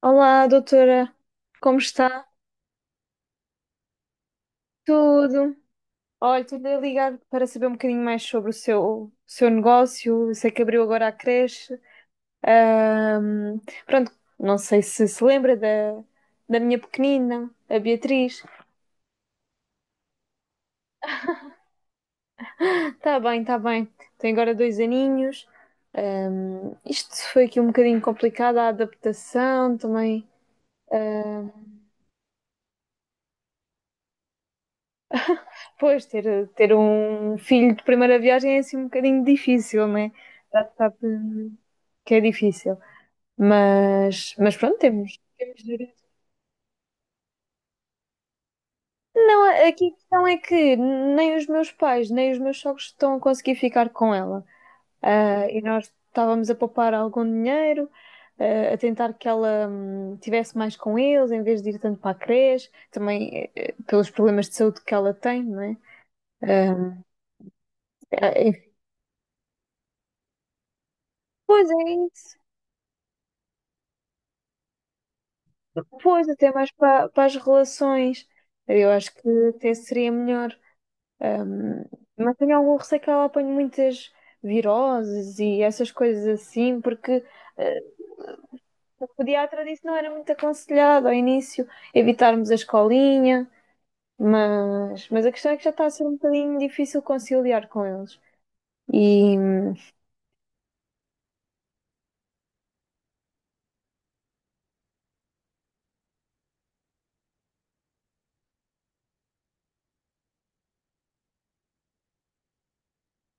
Olá, doutora, como está? Tudo. Olha, estou a ligar para saber um bocadinho mais sobre o seu negócio. Eu sei que abriu agora a creche. Ahm, pronto, não sei se lembra da, da minha pequenina, a Beatriz. Está bem, está bem. Tem agora 2 aninhos. Isto foi aqui um bocadinho complicado, a adaptação também. Ahm, pois, ter um filho de primeira viagem é assim um bocadinho difícil, não é? Já sabe. Que é difícil. Mas pronto, temos direito. Não, aqui a questão é que nem os meus pais, nem os meus sogros estão a conseguir ficar com ela. Ah, e nós estávamos a poupar algum dinheiro, ah, a tentar que ela tivesse mais com eles, em vez de ir tanto para a creche, também pelos problemas de saúde que ela tem, não é? Ah, ah, enfim, pois é isso. Pois, até mais para as relações. Eu acho que até seria melhor. Mas tenho algum receio que ela apanhe muitas viroses e essas coisas assim, porque eh, o pediatra disse que não era muito aconselhado ao início evitarmos a escolinha, mas a questão é que já está a ser um bocadinho difícil conciliar com eles. E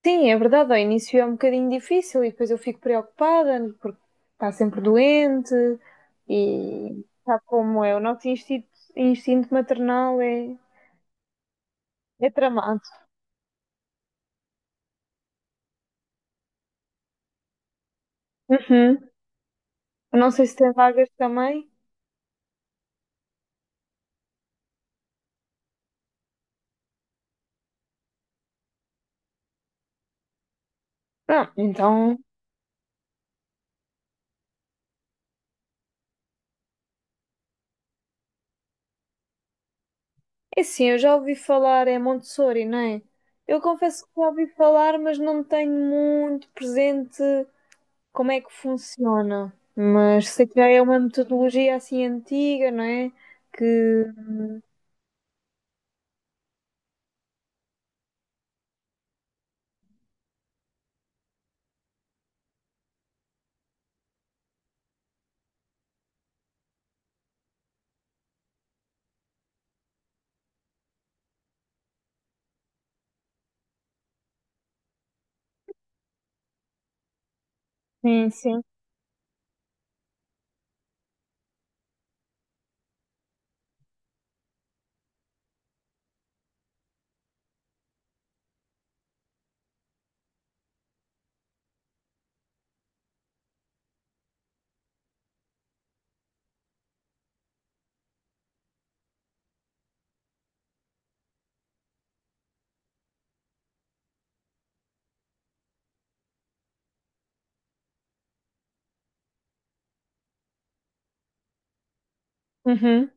sim, é verdade, ao início é um bocadinho difícil e depois eu fico preocupada porque está sempre doente e sabe como é, o nosso instinto, instinto maternal é, é tramado. Uhum. Eu não sei se tem vagas também. Ah, então. É sim, eu já ouvi falar, é Montessori, não é? Eu confesso que já ouvi falar, mas não tenho muito presente como é que funciona. Mas sei que já é uma metodologia assim antiga, não é? Que. Sim, sim. Uhum,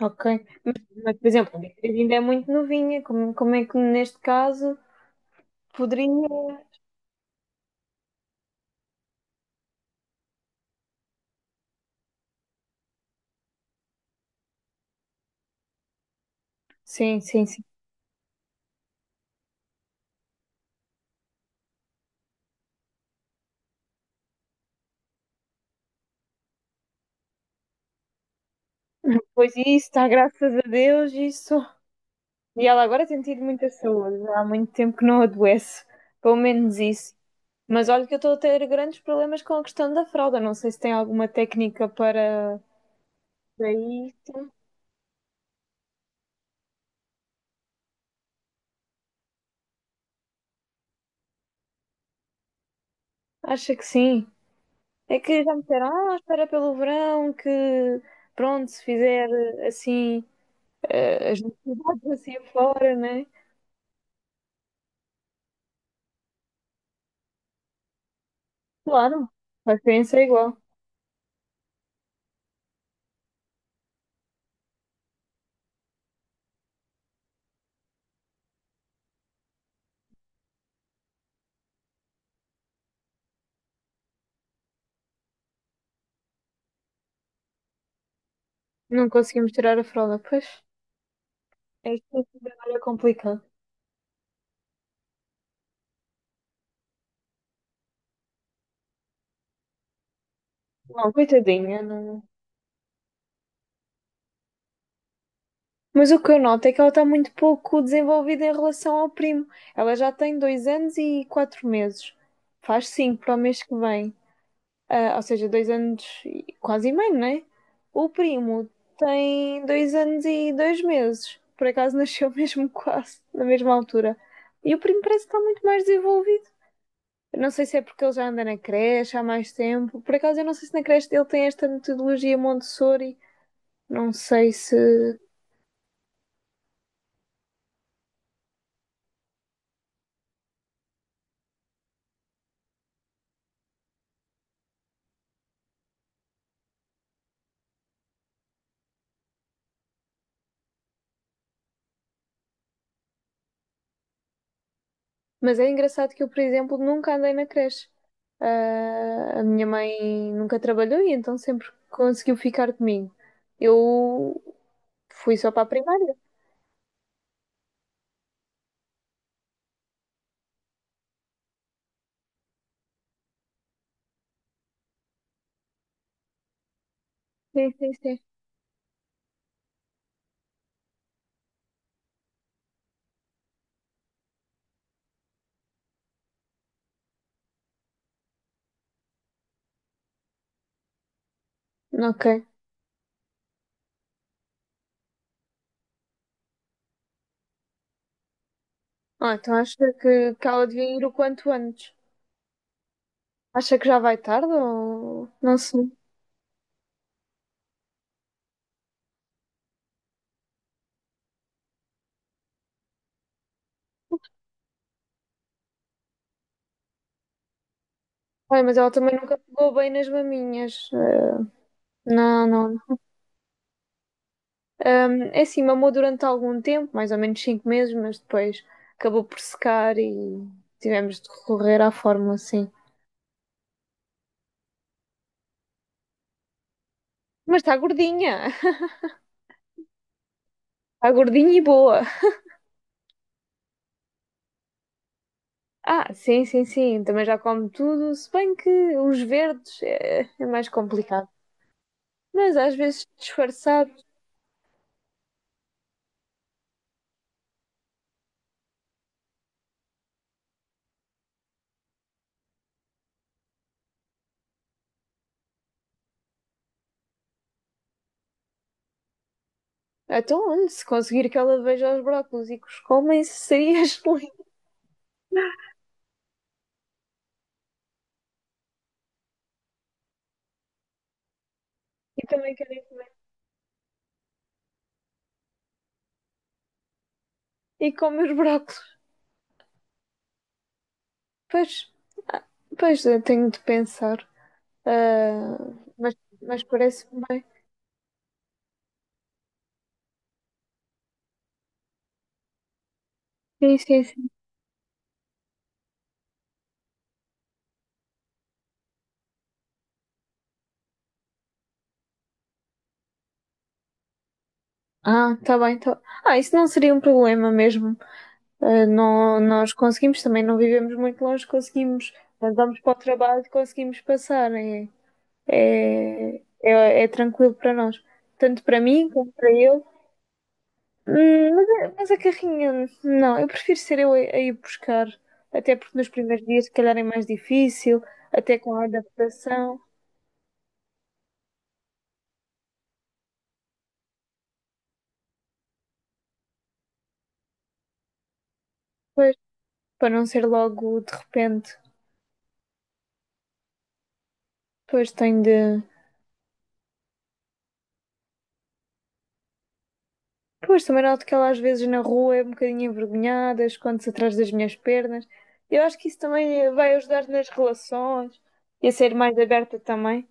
ok. Mas, por exemplo, a minha filha ainda é muito novinha, como, como é que neste caso poderia. Sim, sim, sim. Pois isso, está graças a Deus, isso e ela agora tem tido muita saúde, há muito tempo que não adoece, pelo menos isso. Mas olha que eu estou a ter grandes problemas com a questão da fralda, não sei se tem alguma técnica para para isso. Acha que sim? É que já me disseram, ah, espera pelo verão, que pronto, se fizer assim as necessidades assim fora, né? Claro, a experiência é igual. Não conseguimos tirar a fralda, pois. É isto que trabalho é complicado. Não, coitadinha, não. Mas o que eu noto é que ela está muito pouco desenvolvida em relação ao primo. Ela já tem 2 anos e 4 meses. Faz cinco para o mês que vem. Ah, ou seja, dois anos e quase e meio, não é? O primo tem 2 anos e 2 meses. Por acaso nasceu mesmo quase na mesma altura. E o primo parece que está muito mais desenvolvido. Eu não sei se é porque ele já anda na creche há mais tempo. Por acaso eu não sei se na creche dele tem esta metodologia Montessori. Não sei se mas é engraçado que eu, por exemplo, nunca andei na creche. Ah, a minha mãe nunca trabalhou e então sempre conseguiu ficar comigo. Eu fui só para a primária. Sim, sim, sim. Ok. Ah, então acha que ela devia ir o quanto antes? Acha que já vai tarde ou não sei? Ai, mas ela também nunca pegou bem nas maminhas. Ah, não, não. É assim, mamou durante algum tempo, mais ou menos 5 meses, mas depois acabou por secar e tivemos de recorrer à fórmula, sim. Mas está gordinha. Está gordinha e boa. Ah, sim, sim, sim. Também já come tudo. Se bem que os verdes é, é mais complicado. Mas às vezes disfarçado. Então, olha, se conseguir que ela veja os brócolos e que os comem, seria excelente. E também querem comer. E come os brócolos. Pois, ah, pois eu tenho de pensar. Ah, mas, mas parece-me bem. Sim, sim, sim. Ah, está bem. Tá... Ah, isso não seria um problema mesmo. Nós conseguimos, também não vivemos muito longe, conseguimos, quando vamos para o trabalho, conseguimos passar. É, é, é, é tranquilo para nós, tanto para mim como para ele. Mas, mas a carrinha, não, eu prefiro ser eu a ir buscar, até porque nos primeiros dias, se calhar, é mais difícil, até com a adaptação, pois, para não ser logo de repente. Pois tenho de. Pois também noto que ela às vezes na rua é um bocadinho envergonhada, esconde-se atrás das minhas pernas. Eu acho que isso também vai ajudar nas relações e a ser mais aberta também.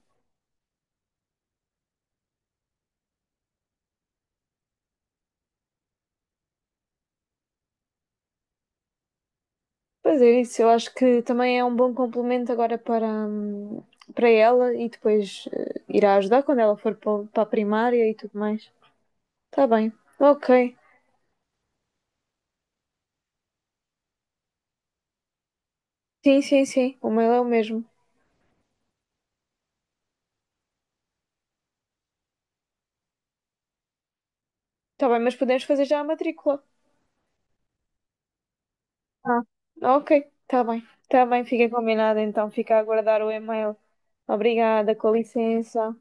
Pois é, isso eu acho que também é um bom complemento agora para, para ela e depois irá ajudar quando ela for para a primária e tudo mais. Tá bem. Ok. Sim, sim, sim. O mail é o mesmo. Tá bem, mas podemos fazer já a matrícula. Ah, ok. Tá bem. Tá bem, fica combinado então. Fica a aguardar o e-mail. Obrigada, com licença.